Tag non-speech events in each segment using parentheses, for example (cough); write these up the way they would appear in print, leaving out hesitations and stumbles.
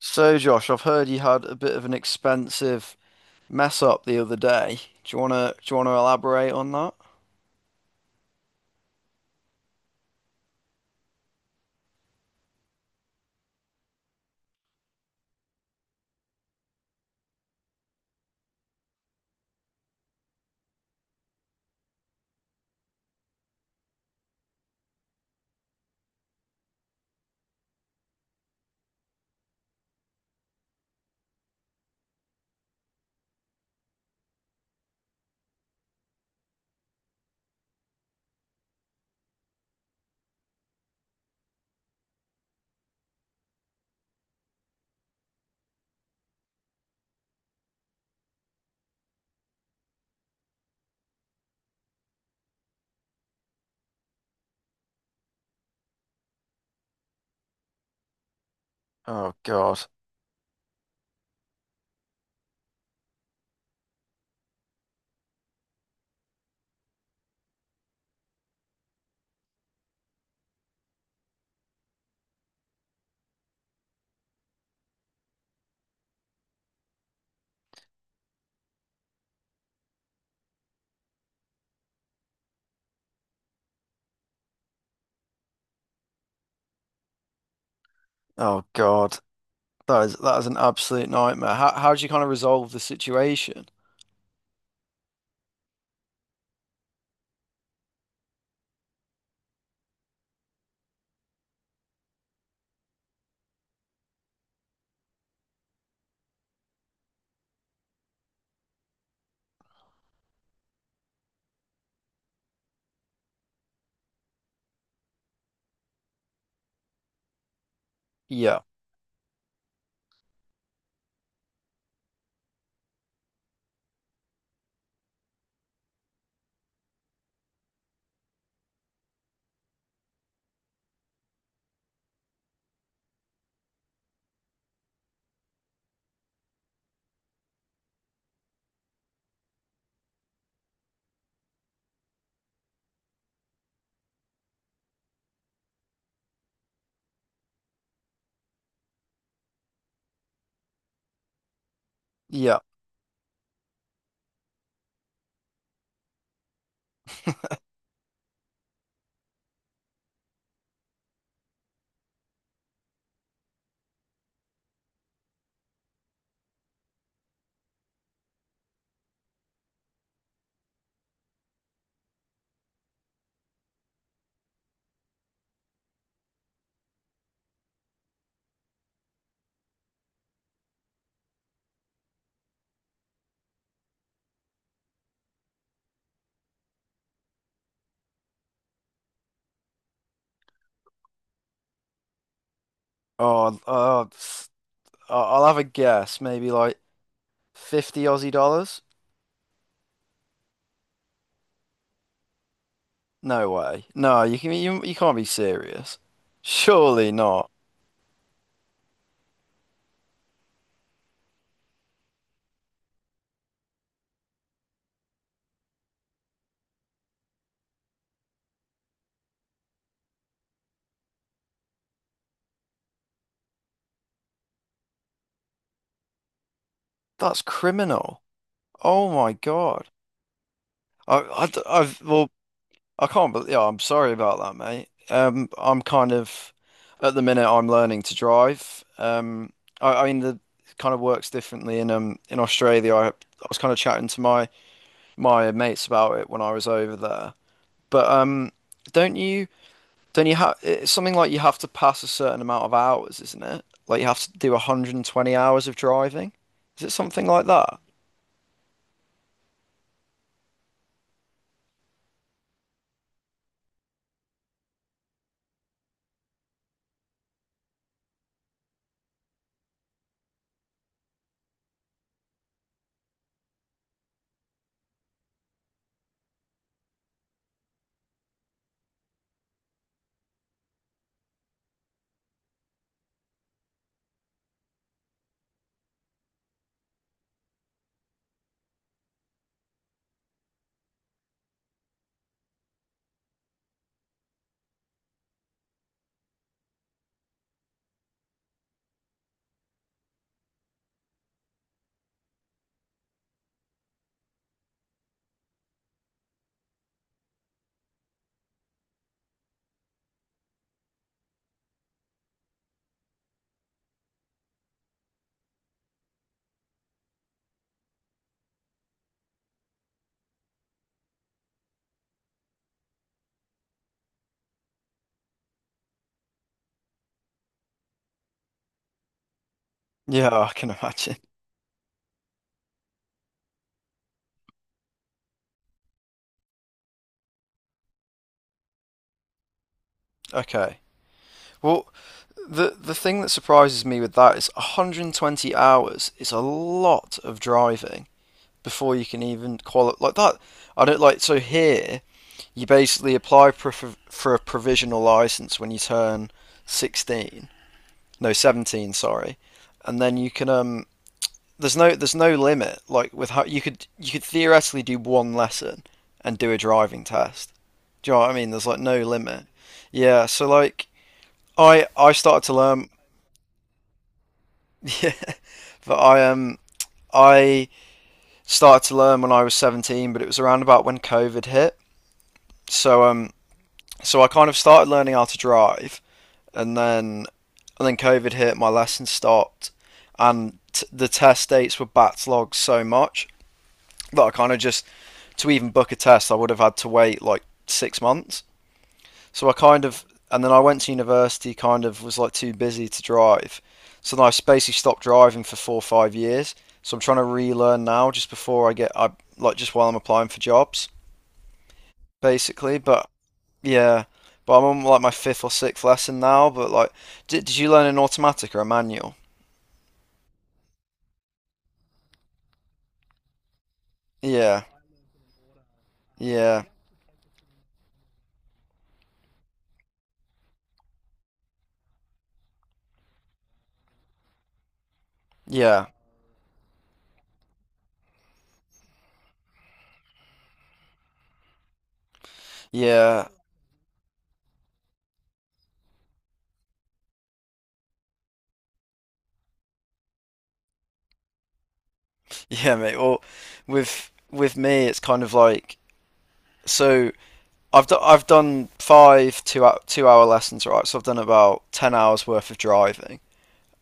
So, Josh, I've heard you had a bit of an expensive mess up the other day. Do you wanna elaborate on that? Oh God. Oh God. That is an absolute nightmare. How did you kind of resolve the situation? Yeah. Yeah. Oh, uh, s- I'll have a guess. Maybe like 50 Aussie dollars? No way. No, you can you, you can't be serious. Surely not. That's criminal. Oh my God. I, I, have I can't believe, yeah, I'm sorry about that, mate. I'm kind of, at the minute, I'm learning to drive. I mean, the it kind of works differently in Australia. I was kind of chatting to my mates about it when I was over there. But don't you don't you have it's something like you have to pass a certain amount of hours, isn't it? Like you have to do 120 hours of driving. Is it something like that? Yeah, I can (laughs) imagine. Okay. Well, the thing that surprises me with that is 120 hours is a lot of driving before you can even qualify like that. I don't like so here you basically apply for a provisional license when you turn 16, no 17, sorry, and then you can there's no limit like with how you could theoretically do one lesson and do a driving test. Do you know what I mean? There's like no limit. Yeah, so like I started to learn. Yeah, (laughs) but I started to learn when I was 17, but it was around about when COVID hit. So so I kind of started learning how to drive, and then and then COVID hit, my lessons stopped, and t the test dates were backlogged so much that I kind of just to even book a test, I would have had to wait like 6 months. So I kind of, and then I went to university, kind of was like too busy to drive. So then I basically stopped driving for 4 or 5 years. So I'm trying to relearn now just before I get, I like just while I'm applying for jobs, basically. But yeah, but I'm on like my fifth or sixth lesson now. But like, did you learn an automatic or a manual? Yeah, yeah, yeah, yeah, (laughs) yeah, mate. Well, with me, it's kind of like so. I've done five two-hour lessons, right? So I've done about 10 hours worth of driving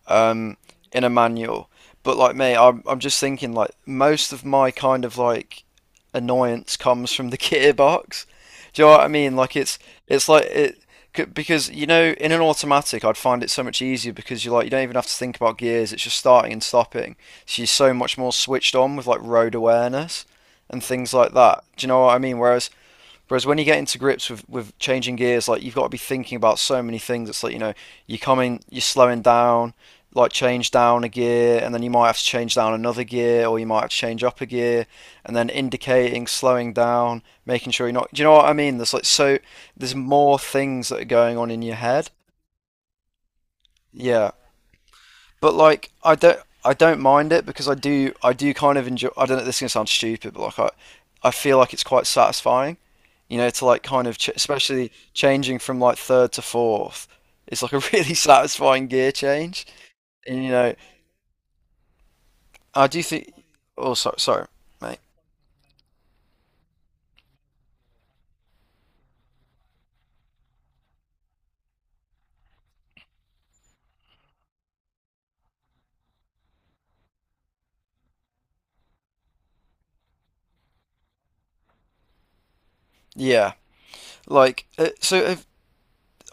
um, in a manual. But like me, I'm just thinking like most of my kind of like annoyance comes from the (laughs) gearbox. Do you know what I mean? Like it's like it c- because you know in an automatic I'd find it so much easier because you like you don't even have to think about gears. It's just starting and stopping. So you're so much more switched on with like road awareness and things like that. Do you know what I mean? Whereas when you get into grips with changing gears, like you've got to be thinking about so many things. It's like, you know, you're coming, you're slowing down, like change down a gear, and then you might have to change down another gear, or you might have to change up a gear, and then indicating, slowing down, making sure you're not. Do you know what I mean? There's more things that are going on in your head. Yeah, but like I don't mind it because I do kind of enjoy. I don't know. This is gonna sound stupid, but I feel like it's quite satisfying, you know, to like kind of ch especially changing from like third to fourth. It's like a really (laughs) satisfying gear change, and you know I do think. Oh, so, sorry, mate. Yeah, like so. If,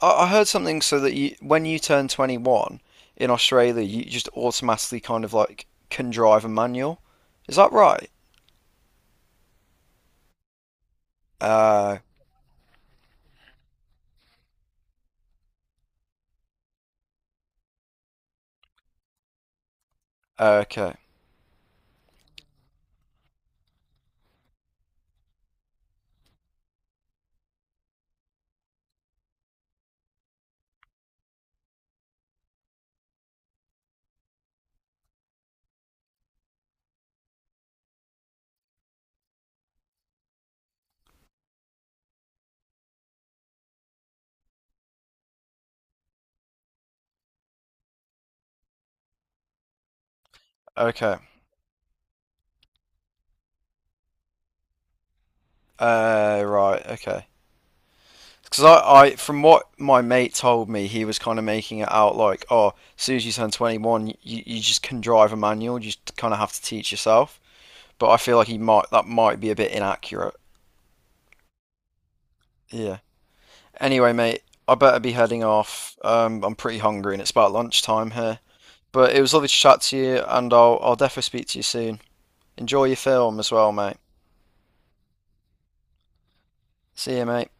I heard something so that you when you turn 21 in Australia, you just automatically kind of like can drive a manual. Is that right? Uh, okay. Okay. Right. Okay. Because from what my mate told me, he was kind of making it out like, oh, as soon as you turn 21, you just can drive a manual. You just kind of have to teach yourself. But I feel that might be a bit inaccurate. Yeah. Anyway, mate, I better be heading off. I'm pretty hungry and it's about lunchtime here. But it was lovely to chat to you, and I'll definitely speak to you soon. Enjoy your film as well, mate. See you, mate.